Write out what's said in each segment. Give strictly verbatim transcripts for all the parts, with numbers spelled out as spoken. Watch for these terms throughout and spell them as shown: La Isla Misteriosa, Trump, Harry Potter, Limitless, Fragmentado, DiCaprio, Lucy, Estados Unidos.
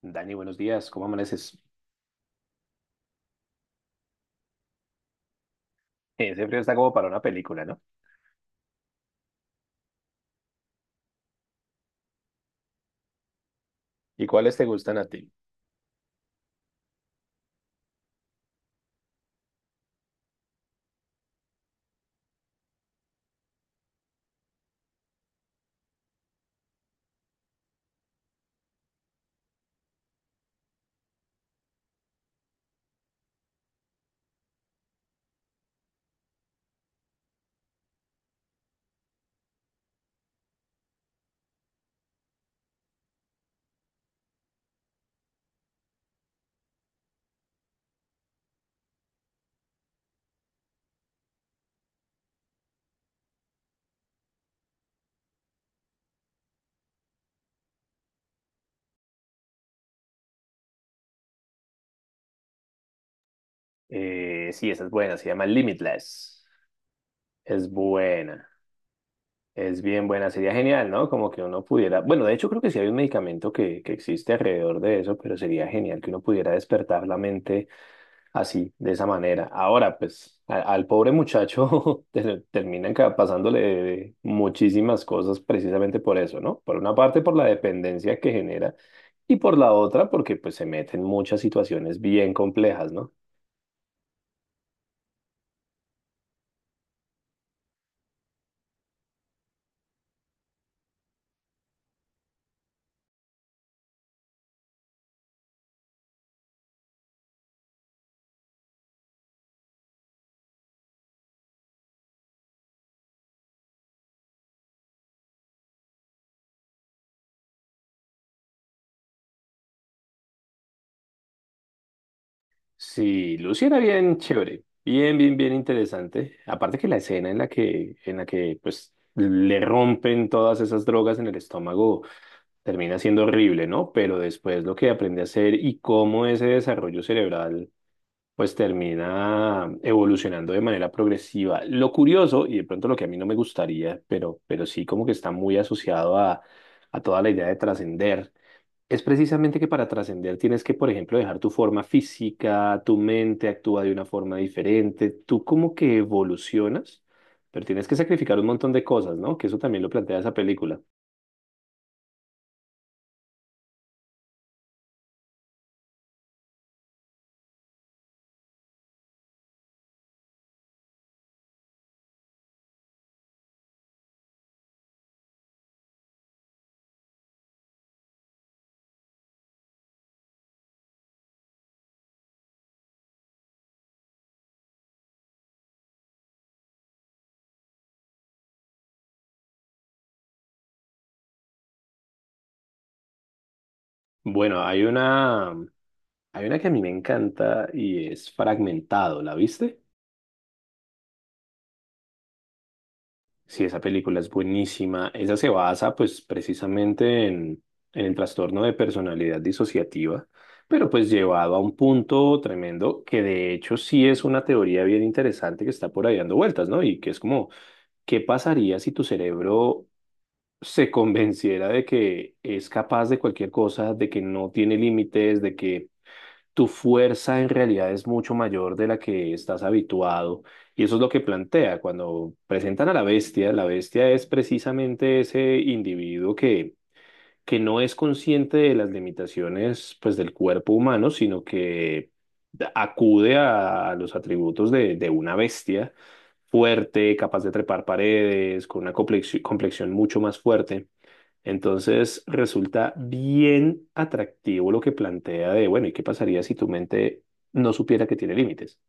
Dani, buenos días, ¿cómo amaneces? Ese frío está como para una película, ¿no? ¿Y cuáles te gustan a ti? Eh, sí, esa es buena, se llama Limitless. Es buena, es bien buena, sería genial, ¿no? Como que uno pudiera, bueno, de hecho creo que sí hay un medicamento que, que existe alrededor de eso, pero sería genial que uno pudiera despertar la mente así, de esa manera. Ahora, pues, a- al pobre muchacho ter- terminan ca- pasándole muchísimas cosas precisamente por eso, ¿no? Por una parte, por la dependencia que genera y por la otra, porque pues se mete en muchas situaciones bien complejas, ¿no? Sí, Lucy era bien chévere, bien, bien, bien interesante. Aparte que la escena en la que, en la que, pues, le rompen todas esas drogas en el estómago termina siendo horrible, ¿no? Pero después lo que aprende a hacer y cómo ese desarrollo cerebral pues termina evolucionando de manera progresiva. Lo curioso, y de pronto lo que a mí no me gustaría, pero, pero sí como que está muy asociado a, a toda la idea de trascender, es precisamente que para trascender tienes que, por ejemplo, dejar tu forma física, tu mente actúa de una forma diferente, tú como que evolucionas, pero tienes que sacrificar un montón de cosas, ¿no? Que eso también lo plantea esa película. Bueno, hay una, hay una que a mí me encanta y es Fragmentado, ¿la viste? Sí, esa película es buenísima. Esa se basa, pues, precisamente en, en el trastorno de personalidad disociativa, pero pues llevado a un punto tremendo que de hecho sí es una teoría bien interesante que está por ahí dando vueltas, ¿no? Y que es como, ¿qué pasaría si tu cerebro se convenciera de que es capaz de cualquier cosa, de que no tiene límites, de que tu fuerza en realidad es mucho mayor de la que estás habituado? Y eso es lo que plantea. Cuando presentan a la bestia, la bestia es precisamente ese individuo que, que no es consciente de las limitaciones pues, del cuerpo humano, sino que acude a, a los atributos de, de una bestia fuerte, capaz de trepar paredes, con una complexi- complexión mucho más fuerte. Entonces resulta bien atractivo lo que plantea de, bueno, ¿y qué pasaría si tu mente no supiera que tiene límites?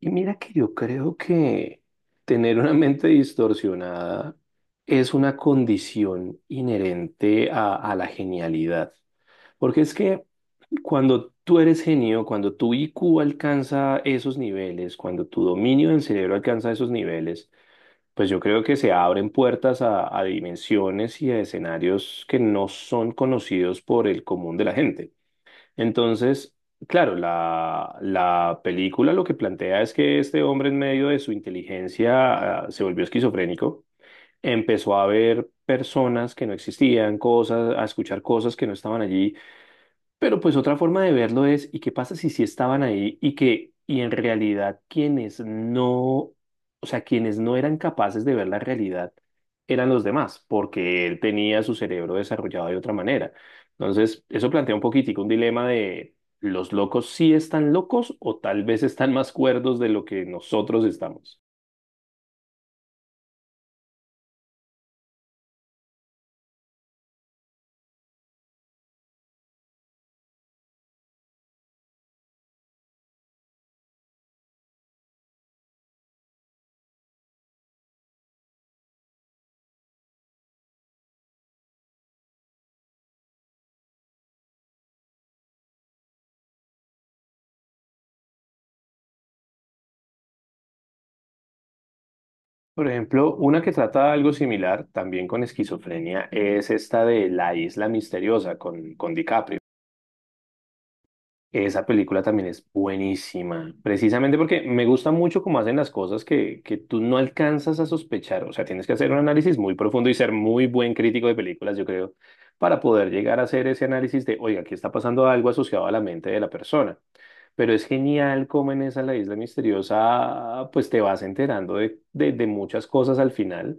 Y mira que yo creo que tener una mente distorsionada es una condición inherente a, a la genialidad. Porque es que cuando tú eres genio, cuando tu I Q alcanza esos niveles, cuando tu dominio del cerebro alcanza esos niveles, pues yo creo que se abren puertas a, a dimensiones y a escenarios que no son conocidos por el común de la gente. Entonces, claro, la, la película lo que plantea es que este hombre en medio de su inteligencia, ah, se volvió esquizofrénico, empezó a ver personas que no existían, cosas, a escuchar cosas que no estaban allí. Pero pues otra forma de verlo es, ¿y qué pasa si sí estaban ahí y que, y en realidad quienes no, o sea, quienes no eran capaces de ver la realidad eran los demás, porque él tenía su cerebro desarrollado de otra manera? Entonces, eso plantea un poquitico un dilema de los locos sí están locos o tal vez están más cuerdos de lo que nosotros estamos. Por ejemplo, una que trata algo similar, también con esquizofrenia, es esta de La Isla Misteriosa con, con DiCaprio. Esa película también es buenísima, precisamente porque me gusta mucho cómo hacen las cosas que, que tú no alcanzas a sospechar. O sea, tienes que hacer un análisis muy profundo y ser muy buen crítico de películas, yo creo, para poder llegar a hacer ese análisis de, oiga, aquí está pasando algo asociado a la mente de la persona. Pero es genial cómo en esa La Isla Misteriosa, pues te vas enterando de, de, de muchas cosas al final.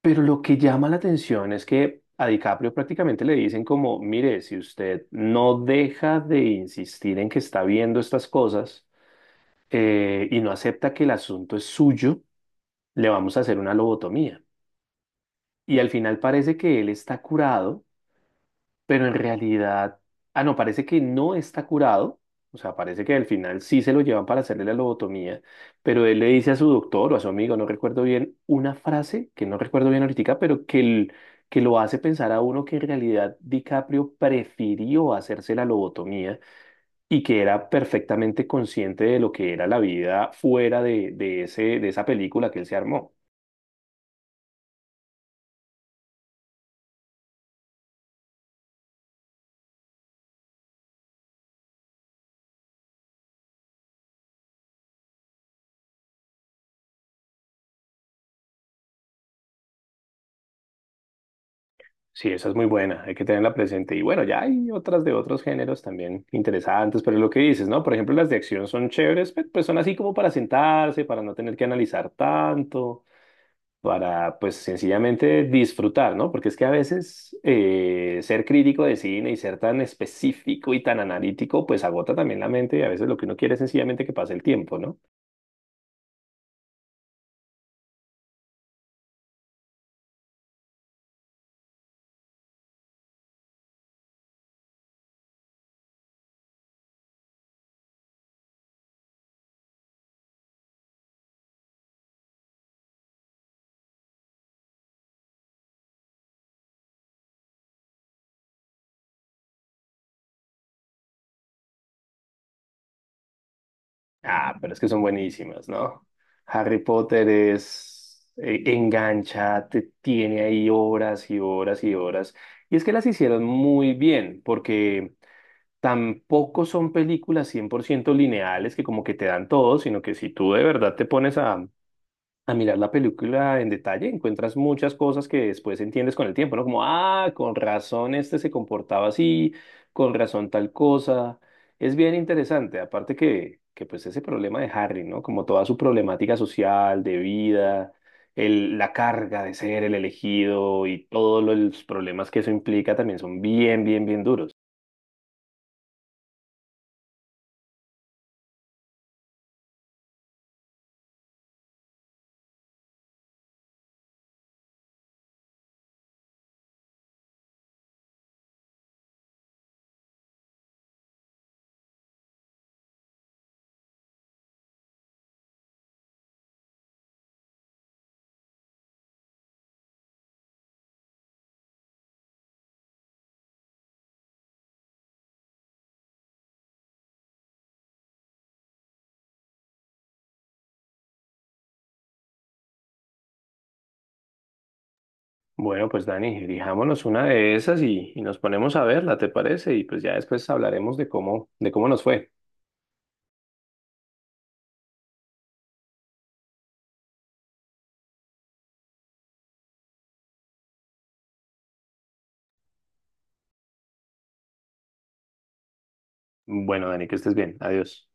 Pero lo que llama la atención es que a DiCaprio prácticamente le dicen como, mire, si usted no deja de insistir en que está viendo estas cosas eh, y no acepta que el asunto es suyo, le vamos a hacer una lobotomía. Y al final parece que él está curado, pero en realidad, ah, no, parece que no está curado, o sea, parece que al final sí se lo llevan para hacerle la lobotomía, pero él le dice a su doctor o a su amigo, no recuerdo bien, una frase que no recuerdo bien ahorita, pero que, el- que lo hace pensar a uno que en realidad DiCaprio prefirió hacerse la lobotomía y que era perfectamente consciente de lo que era la vida fuera de, de ese, de esa película que él se armó. Sí, esa es muy buena, hay que tenerla presente. Y bueno, ya hay otras de otros géneros también interesantes, pero es lo que dices, ¿no? Por ejemplo, las de acción son chéveres, pe- pues son así como para sentarse, para no tener que analizar tanto, para pues sencillamente disfrutar, ¿no? Porque es que a veces eh, ser crítico de cine y ser tan específico y tan analítico, pues agota también la mente y a veces lo que uno quiere es sencillamente que pase el tiempo, ¿no? Ah, pero es que son buenísimas, ¿no? Harry Potter es eh, engancha, te tiene ahí horas y horas y horas. Y es que las hicieron muy bien, porque tampoco son películas cien por ciento lineales que como que te dan todo, sino que si tú de verdad te pones a, a mirar la película en detalle, encuentras muchas cosas que después entiendes con el tiempo, ¿no? Como, ah, con razón este se comportaba así, con razón tal cosa. Es bien interesante, aparte que, que pues ese problema de Harry, ¿no? Como toda su problemática social, de vida, el, la carga de ser el elegido y todos los problemas que eso implica también son bien, bien, bien duros. Bueno, pues Dani, elijámonos una de esas y, y nos ponemos a verla, ¿te parece? Y pues ya después hablaremos de cómo, de cómo nos fue. Bueno, Dani, que estés bien. Adiós.